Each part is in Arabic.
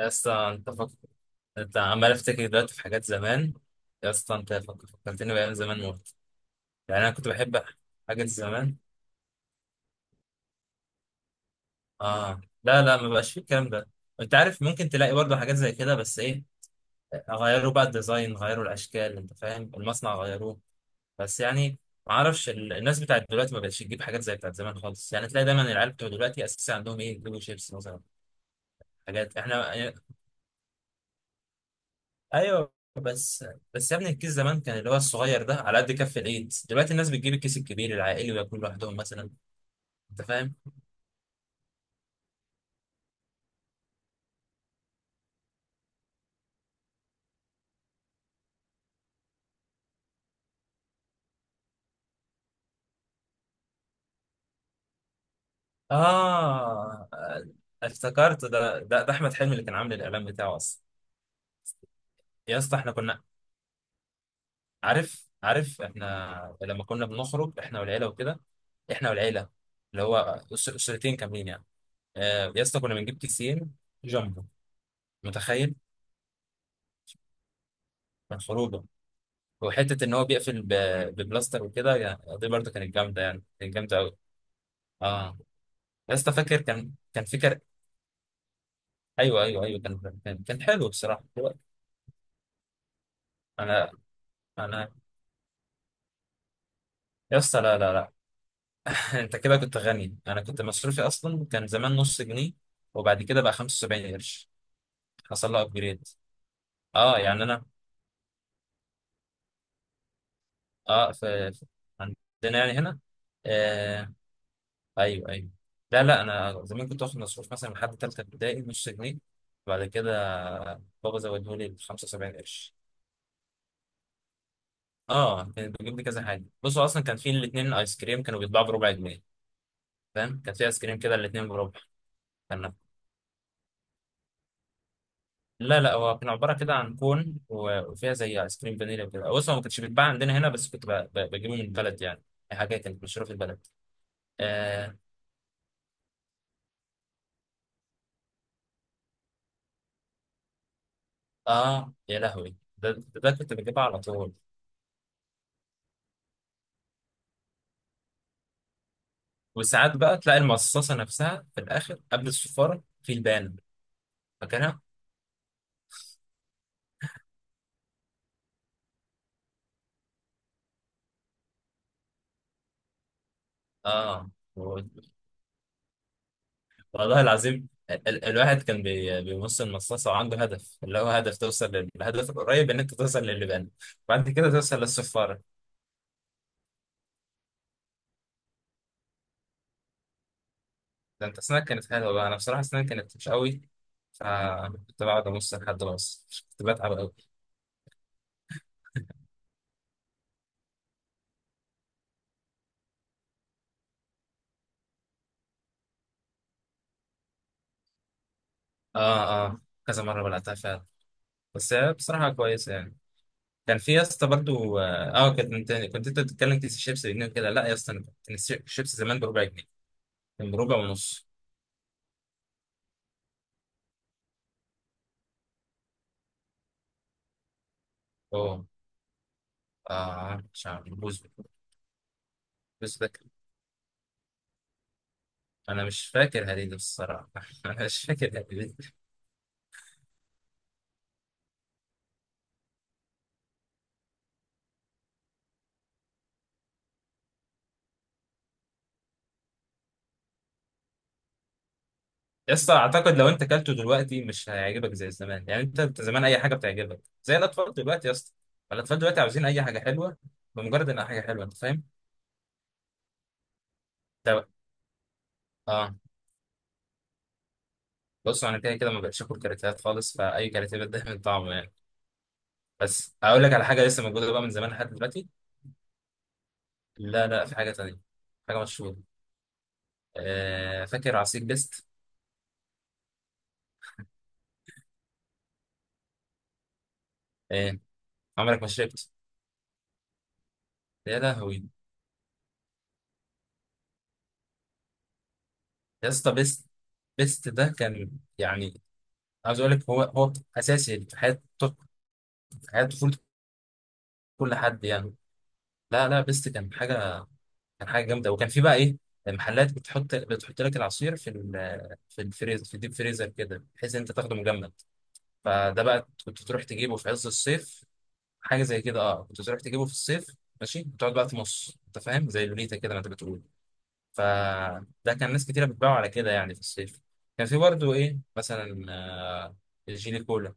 يا اسطى انت عمال افتكر دلوقتي في حاجات زمان. يا اسطى فكرتني بايام زمان موت. يعني انا كنت بحب حاجات زمان. اه، لا ما بقاش فيه الكلام ده. انت عارف ممكن تلاقي برضه حاجات زي كده، بس ايه، غيروا بقى الديزاين، غيروا الاشكال، انت فاهم، المصنع غيروه. بس يعني ما اعرفش الناس بتاعت دلوقتي ما بقتش تجيب حاجات زي بتاعت زمان خالص، يعني تلاقي دايما العيال بتوع دلوقتي اساسا عندهم ايه، يجيبوا شيبس مثلا. حاجات احنا. ايوه بس، بس يا ابني الكيس زمان كان اللي هو الصغير ده على قد كف الايد، دلوقتي الناس بتجيب الكيس الكبير العائلي وياكلوا لوحدهم مثلا. انت فاهم. اه افتكرت، ده احمد حلمي اللي كان عامل الاعلان بتاعه اصلا. يا اسطى احنا كنا، عارف احنا لما كنا بنخرج احنا والعيله وكده، احنا والعيله، اللي هو اسرتين كاملين يعني. آه يا اسطى كنا بنجيب كيسين جامبو، متخيل؟ من خروجه، وحته ان هو بيقفل ببلاستر وكده، يعني دي برضه كانت جامده، يعني كانت جامده. اه. يا اسطى فاكر، كان فكر. ايوه كان حلو بصراحه دلوقتي. انا انا يا اسطى، لا. انت كده كنت غني، انا كنت مصروفي اصلا كان زمان نص جنيه، وبعد كده بقى 75 قرش. حصل له ابجريد. اه يعني انا، اه عندنا يعني هنا. آه. ايوه ايوه. لا انا زمان كنت واخد مصروف مثلا لحد ثالثه ابتدائي نص جنيه، وبعد كده بابا زوده لي 75 قرش. اه كانت بتجيب لي كذا حاجه. بصوا اصلا كان في الاثنين ايس كريم كانوا بيتباعوا بربع جنيه. فاهم؟ كان في ايس كريم كده الاثنين بربع. كان، لا هو كان عباره كده عن كون وفيها زي ايس كريم فانيليا وكده. بص هو ما كانش بيتباع عندنا هنا، بس كنت بجيبه من البلد يعني. دي حاجه كانت مشهوره في البلد. اه. آه يا لهوي، ده كنت بجيبها على طول. وساعات بقى تلاقي المصاصه نفسها في الاخر قبل الصفاره في البان. فاكرها؟ اه. والله العظيم ال الواحد كان بيبص المصاصة وعنده هدف، اللي هو هدف توصل للهدف القريب، ان انت توصل للبان. بعد كده توصل للصفارة. ده انت اسنانك كانت حلوة بقى، انا بصراحة اسناني كانت مش قوي. فكنت بقعد ابص لحد ما اوصل، كنت بتعب قوي. اه كذا مرة بلعتها فعلا. بس هي بصراحة كويسة يعني. كان في يا اسطى برضه اه، آه، كنت انت، كنت انت بتتكلم كيس الشيبس بجنيه وكده، لا يا اسطى انا كنت كيس الشيبس زمان بربع جنيه. كان بربع ونص. اوه. اه مش عارف بوز. انا مش فاكر هريدة الصراحه. انا مش فاكر هريدة. يسطا اعتقد لو انت اكلته دلوقتي مش هيعجبك زي زمان، يعني انت، أنت زمان اي حاجه بتعجبك زي الاطفال دلوقتي يا اسطى. الاطفال دلوقتي عاوزين اي حاجه حلوه، بمجرد انها حاجه حلوه، انت فاهم؟ ده اه. بص انا كده كده ما بقتش اكل كاراتيهات خالص، فاي كاراتيه بتضايق من طعمه يعني. بس هقول لك على حاجه لسه موجوده بقى من زمان لحد دلوقتي. لا في حاجه تانيه. حاجه مشهوره. آه، فاكر عصير بيست؟ آه. عمرك ما شربت؟ يا لهوي. يا اسطى بيست، بيست ده كان، يعني عاوز اقول لك، هو اساسي في حياه، في حياه طفوله كل حد يعني. لا بيست كان حاجه، كان حاجه جامده. وكان في بقى ايه، محلات بتحط لك العصير في في الفريزر، في الديب فريزر كده، بحيث إن انت تاخده مجمد. فده بقى كنت تروح تجيبه في عز الصيف. حاجه زي كده، اه كنت تروح تجيبه في الصيف ماشي، وتقعد بقى تمص، انت فاهم، زي لوليتا كده ما انت بتقول. فده كان ناس كتيره بتباعه على كده يعني في الصيف. كان في برضه ايه مثلا، آه، الجيلي كولا.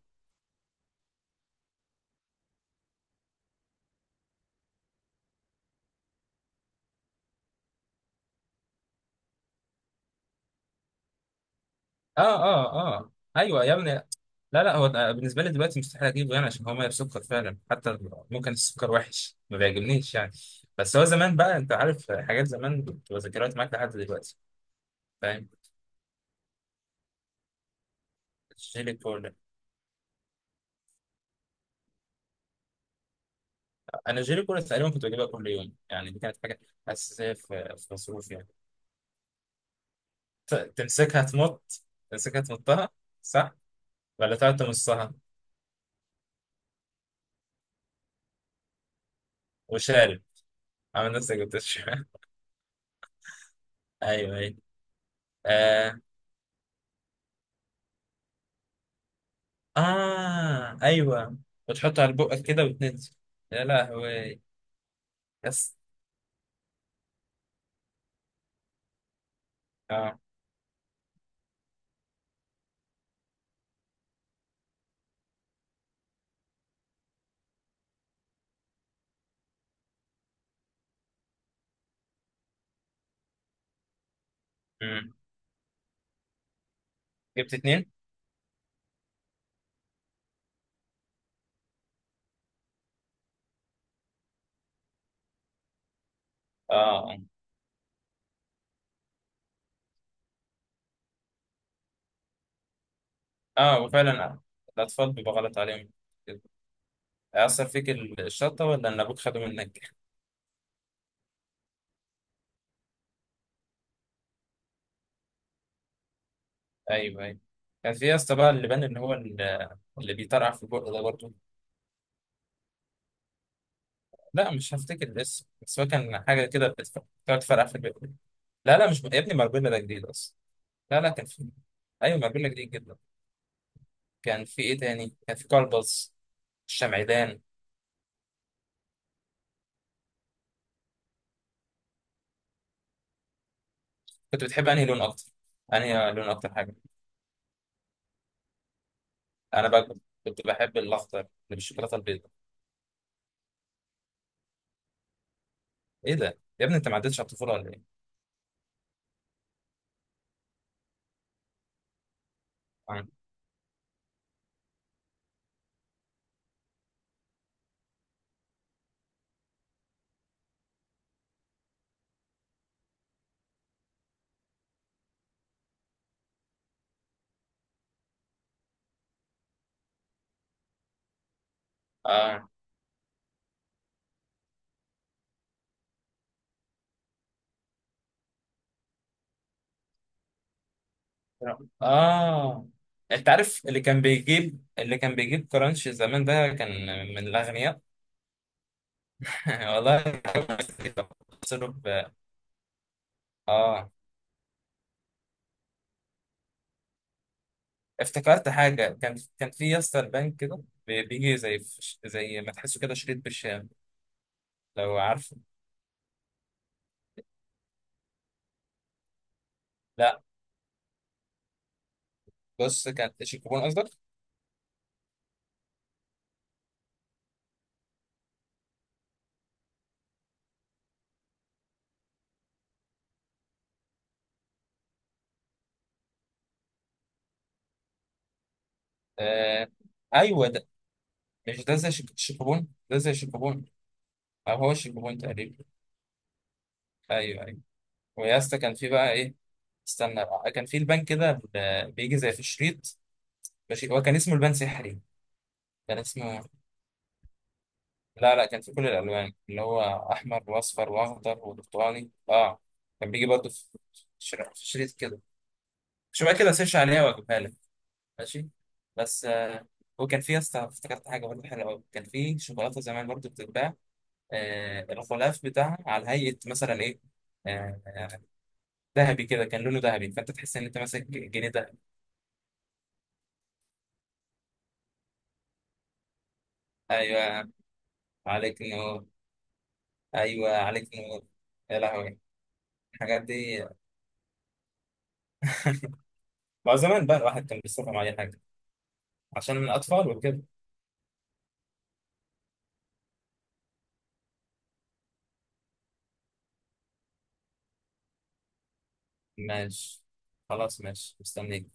اه اه اه ايوه يا ابني. لا لا، بالنسبه لي دلوقتي مستحيل اجيبه، يعني عشان هو ميه بسكر فعلا، حتى ممكن السكر وحش ما بيعجبنيش يعني. بس هو زمان بقى، انت عارف حاجات زمان بتبقى ذكريات معاك لحد دلوقتي. فاهم؟ جيلي كولا، انا جيلي كولا تقريبا كنت بجيبها كل يوم، يعني دي كانت حاجه اساسيه في في مصروف يعني. تمسكها تمط، تمسكها تمطها، صح؟ ولا تقعد تمصها؟ وشارب، عامل نفسك بتشرب. ايوه ايوه. آه. اه ايوه. وتحطها على بقك كده وتنزل. يا لهوي. اه. مم. جبت اتنين. اه اه آه، وفعلا الاطفال بيبقى غلط عليهم كده. هيأثر فيك الشطة ولا ان ابوك خده منك؟ ايوه ايوه. كان في يا اسطى بقى اللي بان، اللي هو اللي بيطرقع في البق ده برضه. لا مش هفتكر الاسم، بس هو كان حاجة كده بتقعد تفرقع في البق. لا مش يا ابني، ماربيلا ده جديد اصلا. لا كان في، ايوه ماربيلا جديد جدا. كان في ايه تاني، كان في كلبز، الشمعدان. كنت بتحب انهي لون اكتر؟ انهي لون اكتر حاجة؟ انا بقى كنت بحب الاخضر اللي بالشوكولاته البيضاء. ايه ده يا ابني، انت ما عدتش على الطفوله ولا ايه؟ اه اه آه. انت عارف اللي كان بيجيب، اللي كان بيجيب كرانش زمان ده كان من الاغنياء. والله. صرف. اه افتكرت حاجه، كان في يا اسطى البنك كده، بيجي زي زي ما تحسه كده شريط بالشام، لو عارفه. لا بص، كان شيكوبون قصدك. آه. ايوه ده، مش ده زي شيك- شيكوبون ده، زي شيكوبون، او هو شيك بوينت تقريبا. ايوه ايوه. ويا اسطى كان في بقى ايه، استنى بقى. كان في البان كده بيجي زي في الشريط ماشي، هو كان اسمه البان سحري. كان اسمه، لا كان في كل الالوان اللي هو احمر واصفر واخضر وبرتقاني. اه كان بيجي برضه في في شريط كده. مش بقى كده سيرش عليها واجيبها لك ماشي؟ بس آه. وكان في يا اسطى افتكرت حاجه برضه حلوه قوي، كان في شوكولاته زمان برضه بتتباع، آه الغلاف بتاعها على هيئه مثلا ايه، آه ذهبي كده، كان لونه ذهبي فانت تحس ان انت ماسك جنيه ده. ايوه عليك نور. ايوه عليك نور. يا لهوي. الحاجات دي، مع زمان بقى الواحد كان بيصرف على اي حاجه عشان الاطفال وكده. ماشي، خلاص ماشي مستنيك.